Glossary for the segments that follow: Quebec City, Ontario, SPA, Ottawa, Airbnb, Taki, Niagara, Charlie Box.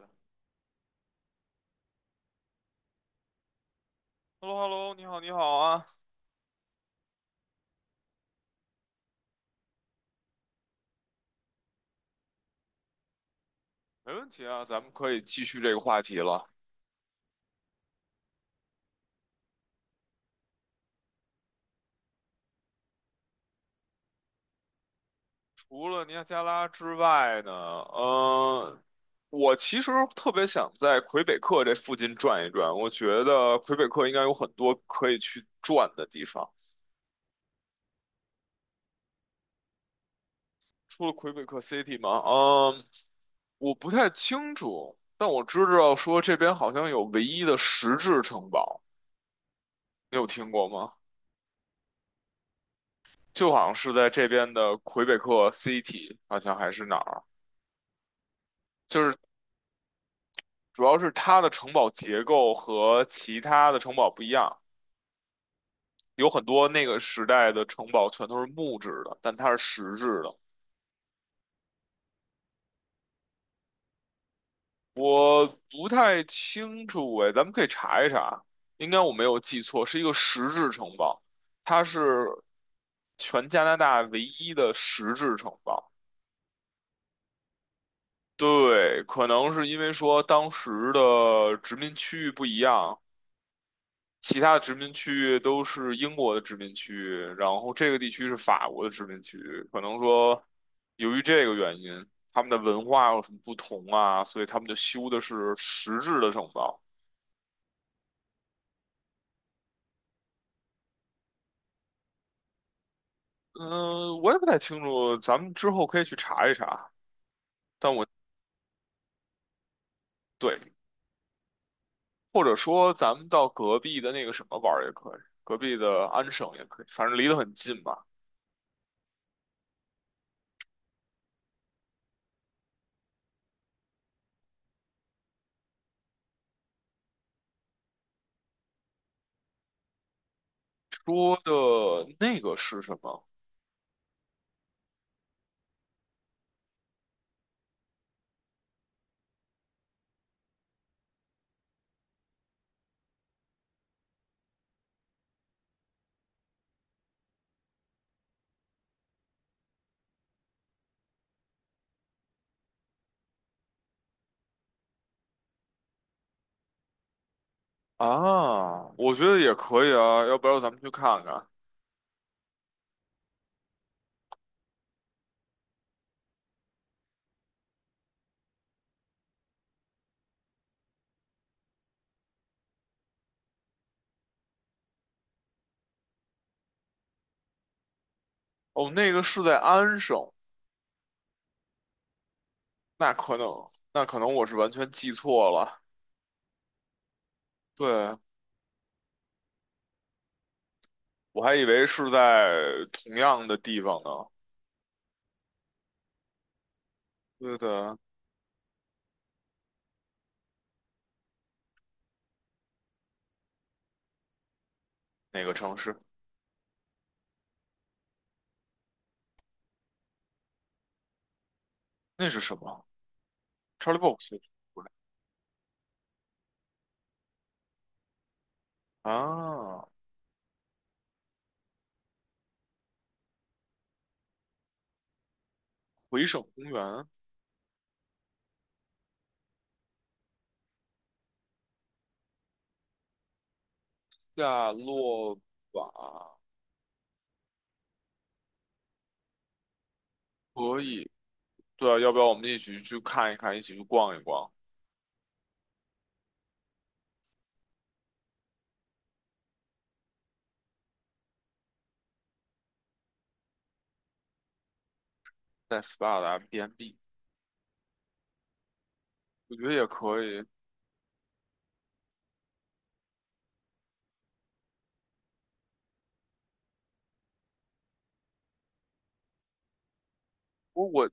h e l l o h e l l o 你好，你好啊，没问题啊，咱们可以继续这个话题了。除了尼亚加拉之外呢，我其实特别想在魁北克这附近转一转。我觉得魁北克应该有很多可以去转的地方。除了魁北克 City 吗？嗯，我不太清楚，但我知道说这边好像有唯一的石质城堡，你有听过吗？就好像是在这边的魁北克 City，好像还是哪儿，就是主要是它的城堡结构和其他的城堡不一样，有很多那个时代的城堡全都是木质的，但它是石质的。我不太清楚哎，咱们可以查一查，应该我没有记错，是一个石质城堡，它是全加拿大唯一的石质城堡。对，可能是因为说当时的殖民区域不一样，其他的殖民区域都是英国的殖民区域，然后这个地区是法国的殖民区域。可能说，由于这个原因，他们的文化有什么不同啊？所以他们就修的是实质的城堡。嗯，我也不太清楚，咱们之后可以去查一查。但我对，或者说咱们到隔壁的那个什么玩儿也可以，隔壁的安省也可以，反正离得很近吧。说的那个是什么啊？我觉得也可以啊，要不要咱们去看看？哦，那个是在安省，那可能那可能我是完全记错了，对，我还以为是在同样的地方呢。对的，哪个城市？那是什么？Charlie Box 是不是啊，回省公园，夏洛瓦可以。对啊，要不要我们一起去看一看，一起去逛一逛，在 SPA 的 M b n b 我觉得也可以。我我，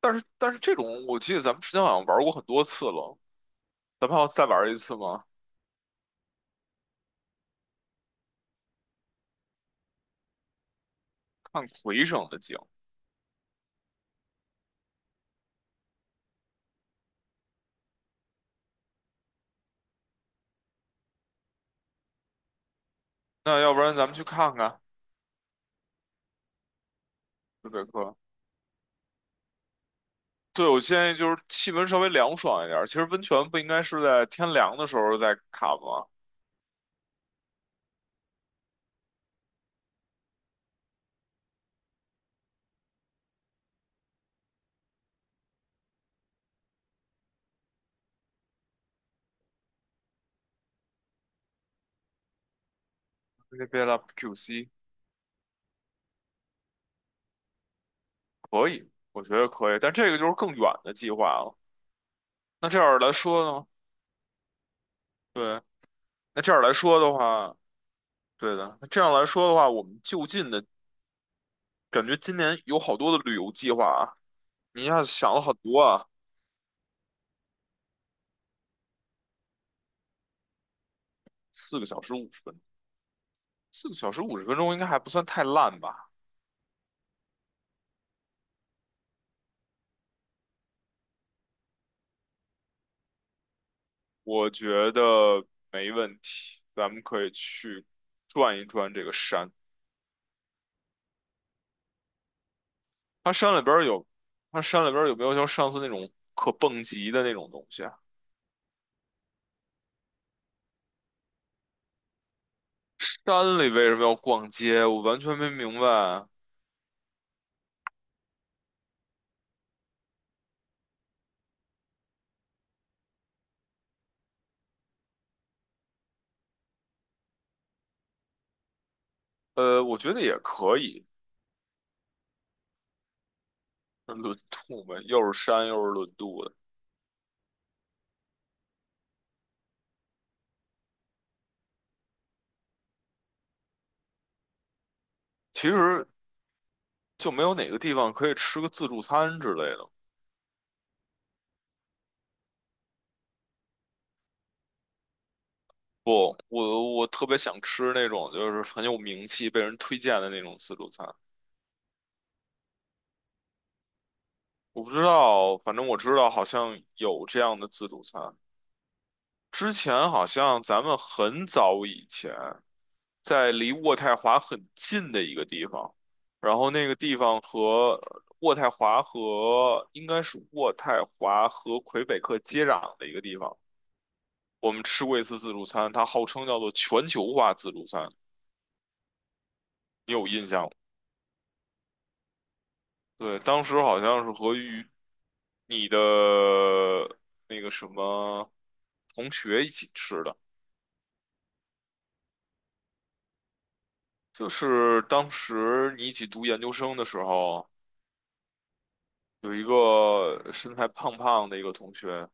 但是这种，我记得咱们之前好像玩过很多次了，咱们还要再玩一次吗？看魁省的景。那要不然咱们去看看魁北克？对，我建议就是气温稍微凉爽一点儿。其实温泉不应该是在天凉的时候再卡吗？那边的 QC 可以，我觉得可以，但这个就是更远的计划了。那这样来说呢？对，那这样来说的话，对的。那这样来说的话，我们就近的感觉今年有好多的旅游计划啊。你一下子想了很多啊，四个小时五十分钟四个小时五十分钟应该还不算太烂吧？我觉得没问题，咱们可以去转一转这个山。它山里边儿有，它山里边儿有没有像上次那种可蹦极的那种东西啊？山里为什么要逛街？我完全没明白啊。我觉得也可以，轮渡呗，又是山又是轮渡的，其实就没有哪个地方可以吃个自助餐之类的。不，我特别想吃那种就是很有名气、被人推荐的那种自助餐。我不知道，反正我知道好像有这样的自助餐。之前好像咱们很早以前在离渥太华很近的一个地方，然后那个地方和渥太华和应该是渥太华和魁北克接壤的一个地方，我们吃过一次自助餐，它号称叫做全球化自助餐，你有印象吗？对，当时好像是与你的那个什么同学一起吃的。就是当时你一起读研究生的时候，有一个身材胖胖的一个同学。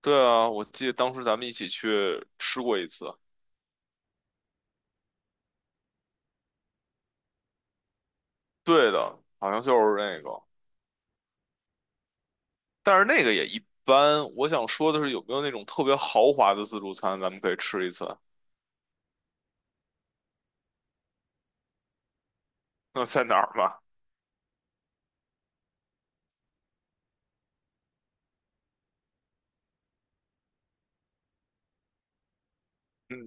对啊，我记得当时咱们一起去吃过一次。对的，好像就是那个，但是那个也一般。我想说的是，有没有那种特别豪华的自助餐，咱们可以吃一次？那在哪儿吧？嗯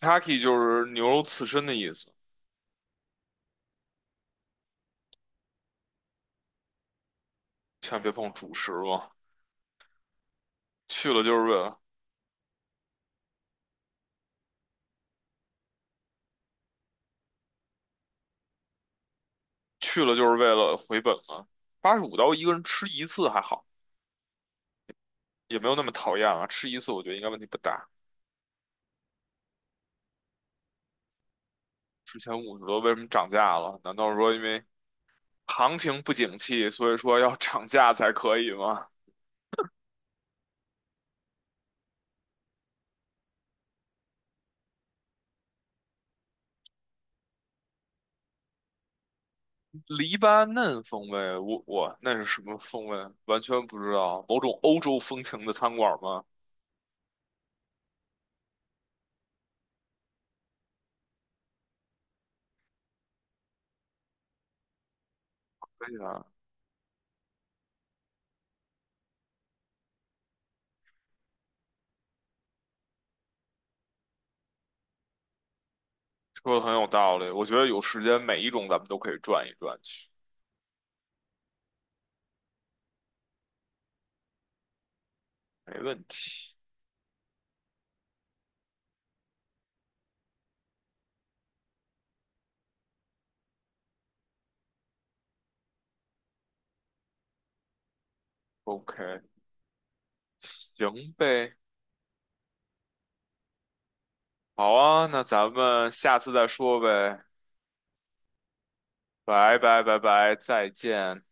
，Taki 就是牛肉刺身的意思，千万别碰主食了。去了就是为了去了就是为了回本嘛。$85一个人吃一次还好。也没有那么讨厌了，吃一次我觉得应该问题不大。之前50多为什么涨价了？难道说因为行情不景气，所以说要涨价才可以吗？黎巴嫩风味，我那是什么风味？完全不知道，某种欧洲风情的餐馆吗？可以啊，说的很有道理，我觉得有时间每一种咱们都可以转一转去，没问题。OK，行呗，好啊，那咱们下次再说呗，拜拜拜拜，再见。